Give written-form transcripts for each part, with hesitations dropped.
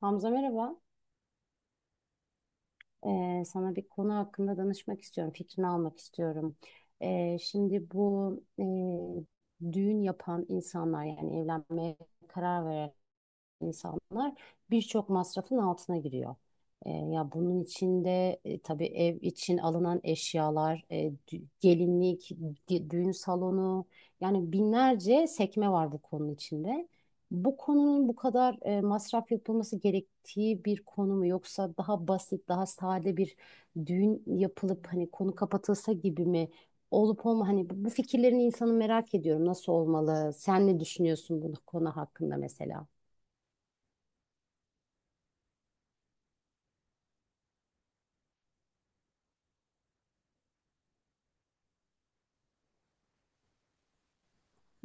Hamza, merhaba. Sana bir konu hakkında danışmak istiyorum. Fikrini almak istiyorum. Şimdi bu düğün yapan insanlar, yani evlenmeye karar veren insanlar birçok masrafın altına giriyor. Ya bunun içinde tabii ev için alınan eşyalar, gelinlik, düğün salonu, yani binlerce sekme var bu konunun içinde. Bu konunun bu kadar masraf yapılması gerektiği bir konu mu, yoksa daha basit, daha sade bir düğün yapılıp hani konu kapatılsa gibi mi olup olma, hani bu fikirlerini insanı merak ediyorum, nasıl olmalı? Sen ne düşünüyorsun bu konu hakkında mesela?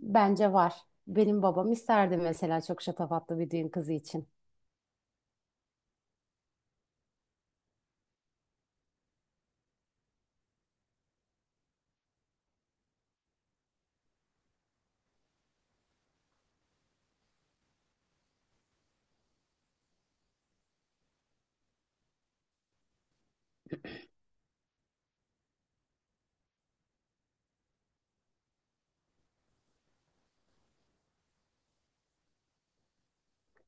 Bence var. Benim babam isterdi mesela, çok şatafatlı bir düğün kızı için.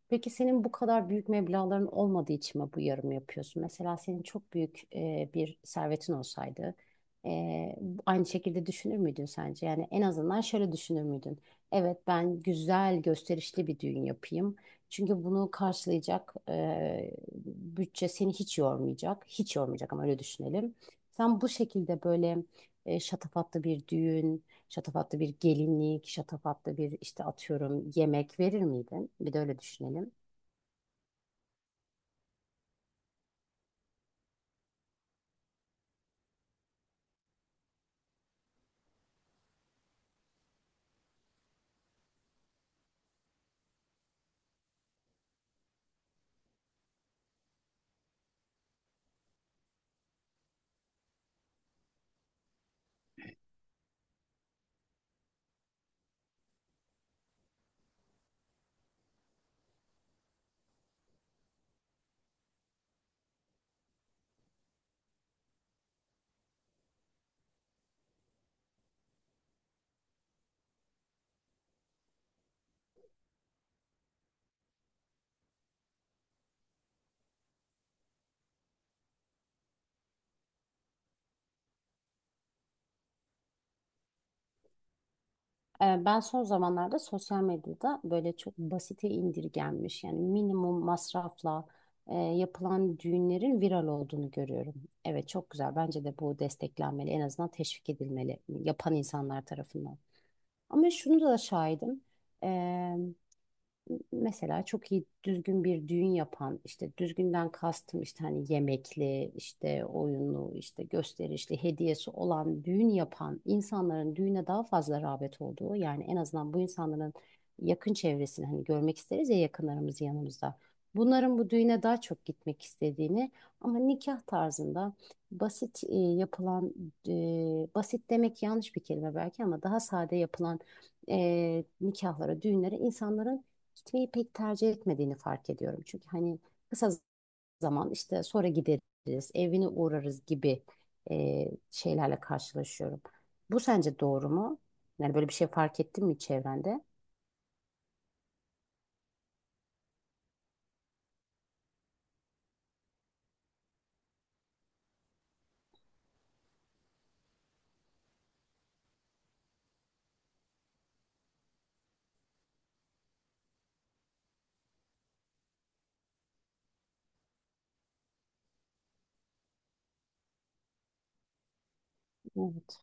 Peki senin bu kadar büyük meblağların olmadığı için mi bu yarımı yapıyorsun? Mesela senin çok büyük bir servetin olsaydı, e, aynı şekilde düşünür müydün sence? Yani en azından şöyle düşünür müydün? Evet, ben güzel gösterişli bir düğün yapayım. Çünkü bunu karşılayacak bütçe seni hiç yormayacak. Hiç yormayacak, ama öyle düşünelim. Sen bu şekilde böyle şatafatlı bir düğün. Şatafatlı bir gelinlik, şatafatlı bir işte atıyorum yemek verir miydin? Bir de öyle düşünelim. Ben son zamanlarda sosyal medyada böyle çok basite indirgenmiş, yani minimum masrafla yapılan düğünlerin viral olduğunu görüyorum. Evet, çok güzel, bence de bu desteklenmeli, en azından teşvik edilmeli yapan insanlar tarafından. Ama şunu da şahidim: mesela çok iyi düzgün bir düğün yapan, işte düzgünden kastım işte hani yemekli, işte oyunlu, işte gösterişli hediyesi olan düğün yapan insanların düğüne daha fazla rağbet olduğu, yani en azından bu insanların yakın çevresini, hani görmek isteriz ya yakınlarımız yanımızda. Bunların bu düğüne daha çok gitmek istediğini, ama nikah tarzında basit yapılan, e, basit demek yanlış bir kelime belki, ama daha sade yapılan nikahlara, düğünlere insanların gitmeyi pek tercih etmediğini fark ediyorum. Çünkü hani kısa zaman, işte sonra gideriz, evine uğrarız gibi e, şeylerle karşılaşıyorum. Bu sence doğru mu? Yani böyle bir şey fark ettin mi çevrende? Evet.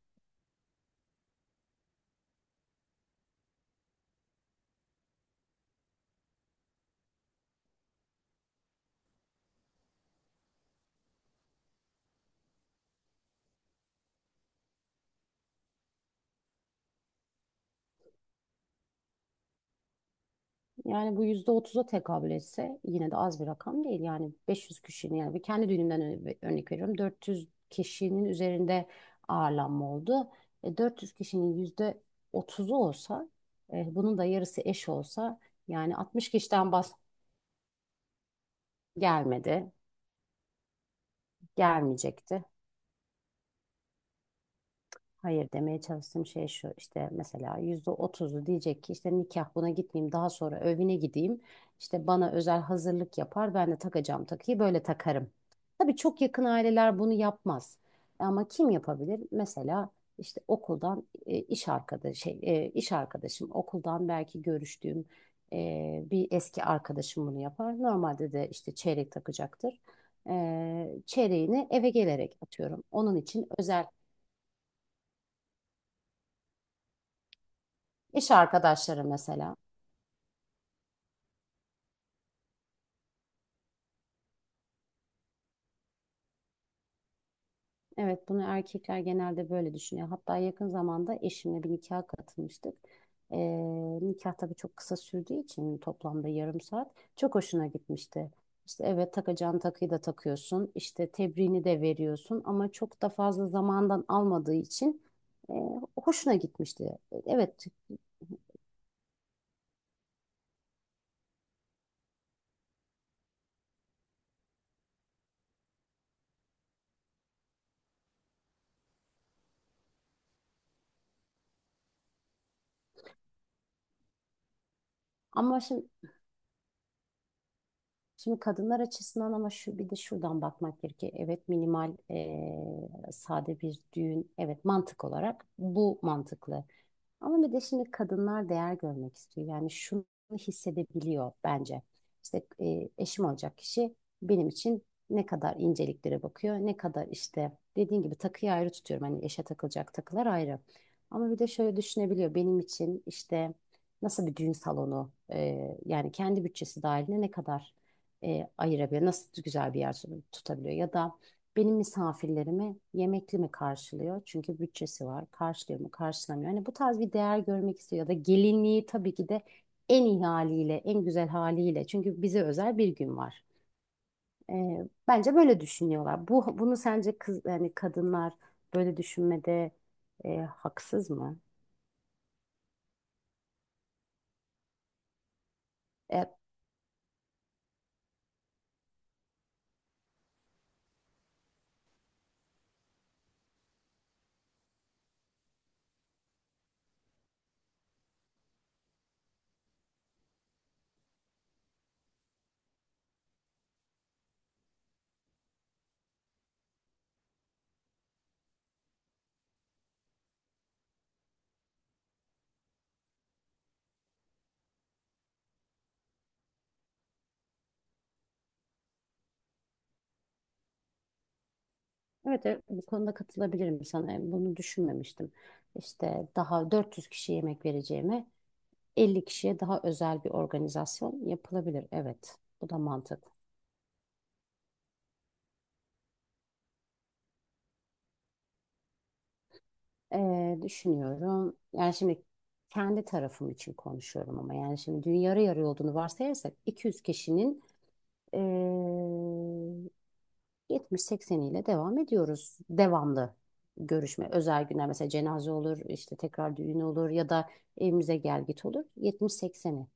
Yani bu %30'a tekabül etse yine de az bir rakam değil. Yani 500 kişinin, yani bir kendi düğünümden örnek veriyorum. 400 kişinin üzerinde ağırlanma oldu. 400 kişinin %30'u olsa, bunun da yarısı eş olsa, yani 60 kişiden gelmedi. Gelmeyecekti. Hayır, demeye çalıştığım şey şu: işte mesela %30'u diyecek ki, işte nikah, buna gitmeyeyim, daha sonra evine gideyim, işte bana özel hazırlık yapar, ben de takacağım takıyı böyle takarım. Tabii çok yakın aileler bunu yapmaz, ama kim yapabilir? Mesela işte okuldan iş arkadaşı şey, iş arkadaşım, okuldan belki görüştüğüm bir eski arkadaşım bunu yapar. Normalde de işte çeyrek takacaktır. E, Çeyreğini eve gelerek atıyorum. Onun için özel. İş arkadaşları mesela. Evet, bunu erkekler genelde böyle düşünüyor. Hatta yakın zamanda eşimle bir nikaha katılmıştık. Ee, Nikah tabii çok kısa sürdüğü için, toplamda yarım saat, çok hoşuna gitmişti. İşte evet, takacağın takıyı da takıyorsun, İşte tebriğini de veriyorsun, ama çok da fazla zamandan almadığı için e, hoşuna gitmişti. Evet, ama şimdi kadınlar açısından, ama şu bir de şuradan bakmak gerekiyor. Evet, minimal, sade bir düğün. Evet, mantık olarak bu mantıklı. Ama bir de şimdi kadınlar değer görmek istiyor. Yani şunu hissedebiliyor bence. İşte eşim olacak kişi benim için ne kadar inceliklere bakıyor, ne kadar, işte dediğin gibi, takıyı ayrı tutuyorum. Hani eşe takılacak takılar ayrı. Ama bir de şöyle düşünebiliyor: benim için işte nasıl bir düğün salonu, yani kendi bütçesi dahilinde ne kadar ayırabiliyor, nasıl güzel bir yer tutabiliyor, ya da benim misafirlerimi yemekli mi karşılıyor? Çünkü bütçesi var. Karşılıyor mu, karşılamıyor? Hani bu tarz bir değer görmek istiyor, ya da gelinliği tabii ki de en iyi haliyle, en güzel haliyle. Çünkü bize özel bir gün var. Bence böyle düşünüyorlar. Bunu sence kız, yani kadınlar böyle düşünmede haksız mı? E, evet, evet, bu konuda katılabilirim sana. Bunu düşünmemiştim. İşte daha 400 kişiye yemek vereceğime, 50 kişiye daha özel bir organizasyon yapılabilir. Evet, bu da mantıklı. Düşünüyorum. Yani şimdi kendi tarafım için konuşuyorum, ama yani şimdi dün yarı yarı olduğunu varsayarsak, 200 kişinin ee, 70-80'iyle devam ediyoruz. Devamlı görüşme, özel günler, mesela cenaze olur, işte tekrar düğün olur, ya da evimize gel git olur. 70-80'i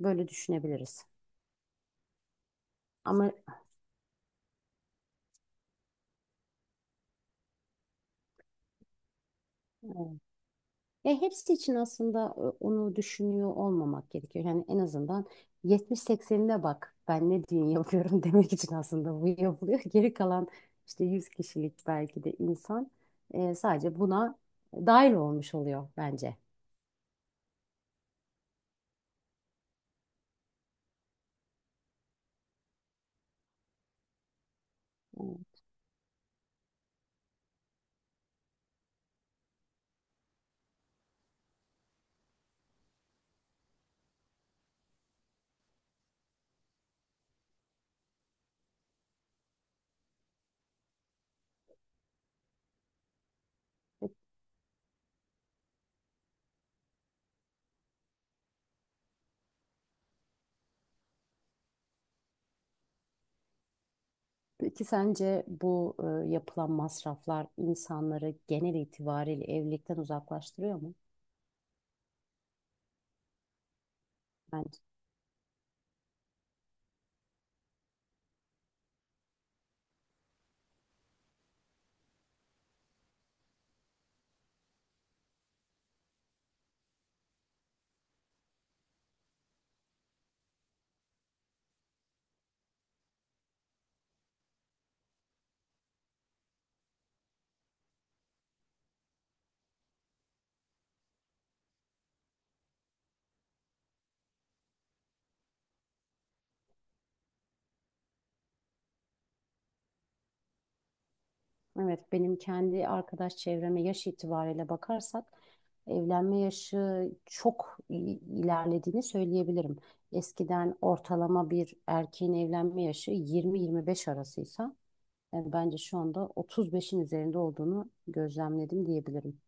böyle düşünebiliriz. Ama ya hepsi için aslında, onu düşünüyor olmamak gerekiyor. Yani en azından 70-80'ine bak ben ne düğün yapıyorum demek için aslında bu yapılıyor. Geri kalan işte 100 kişilik belki de insan, sadece buna dahil olmuş oluyor bence. Yani Peki sence bu yapılan masraflar insanları genel itibariyle evlilikten uzaklaştırıyor mu? Bence. Evet, benim kendi arkadaş çevreme yaş itibariyle bakarsak, evlenme yaşı çok ilerlediğini söyleyebilirim. Eskiden ortalama bir erkeğin evlenme yaşı 20-25 arasıysa, yani bence şu anda 35'in üzerinde olduğunu gözlemledim diyebilirim.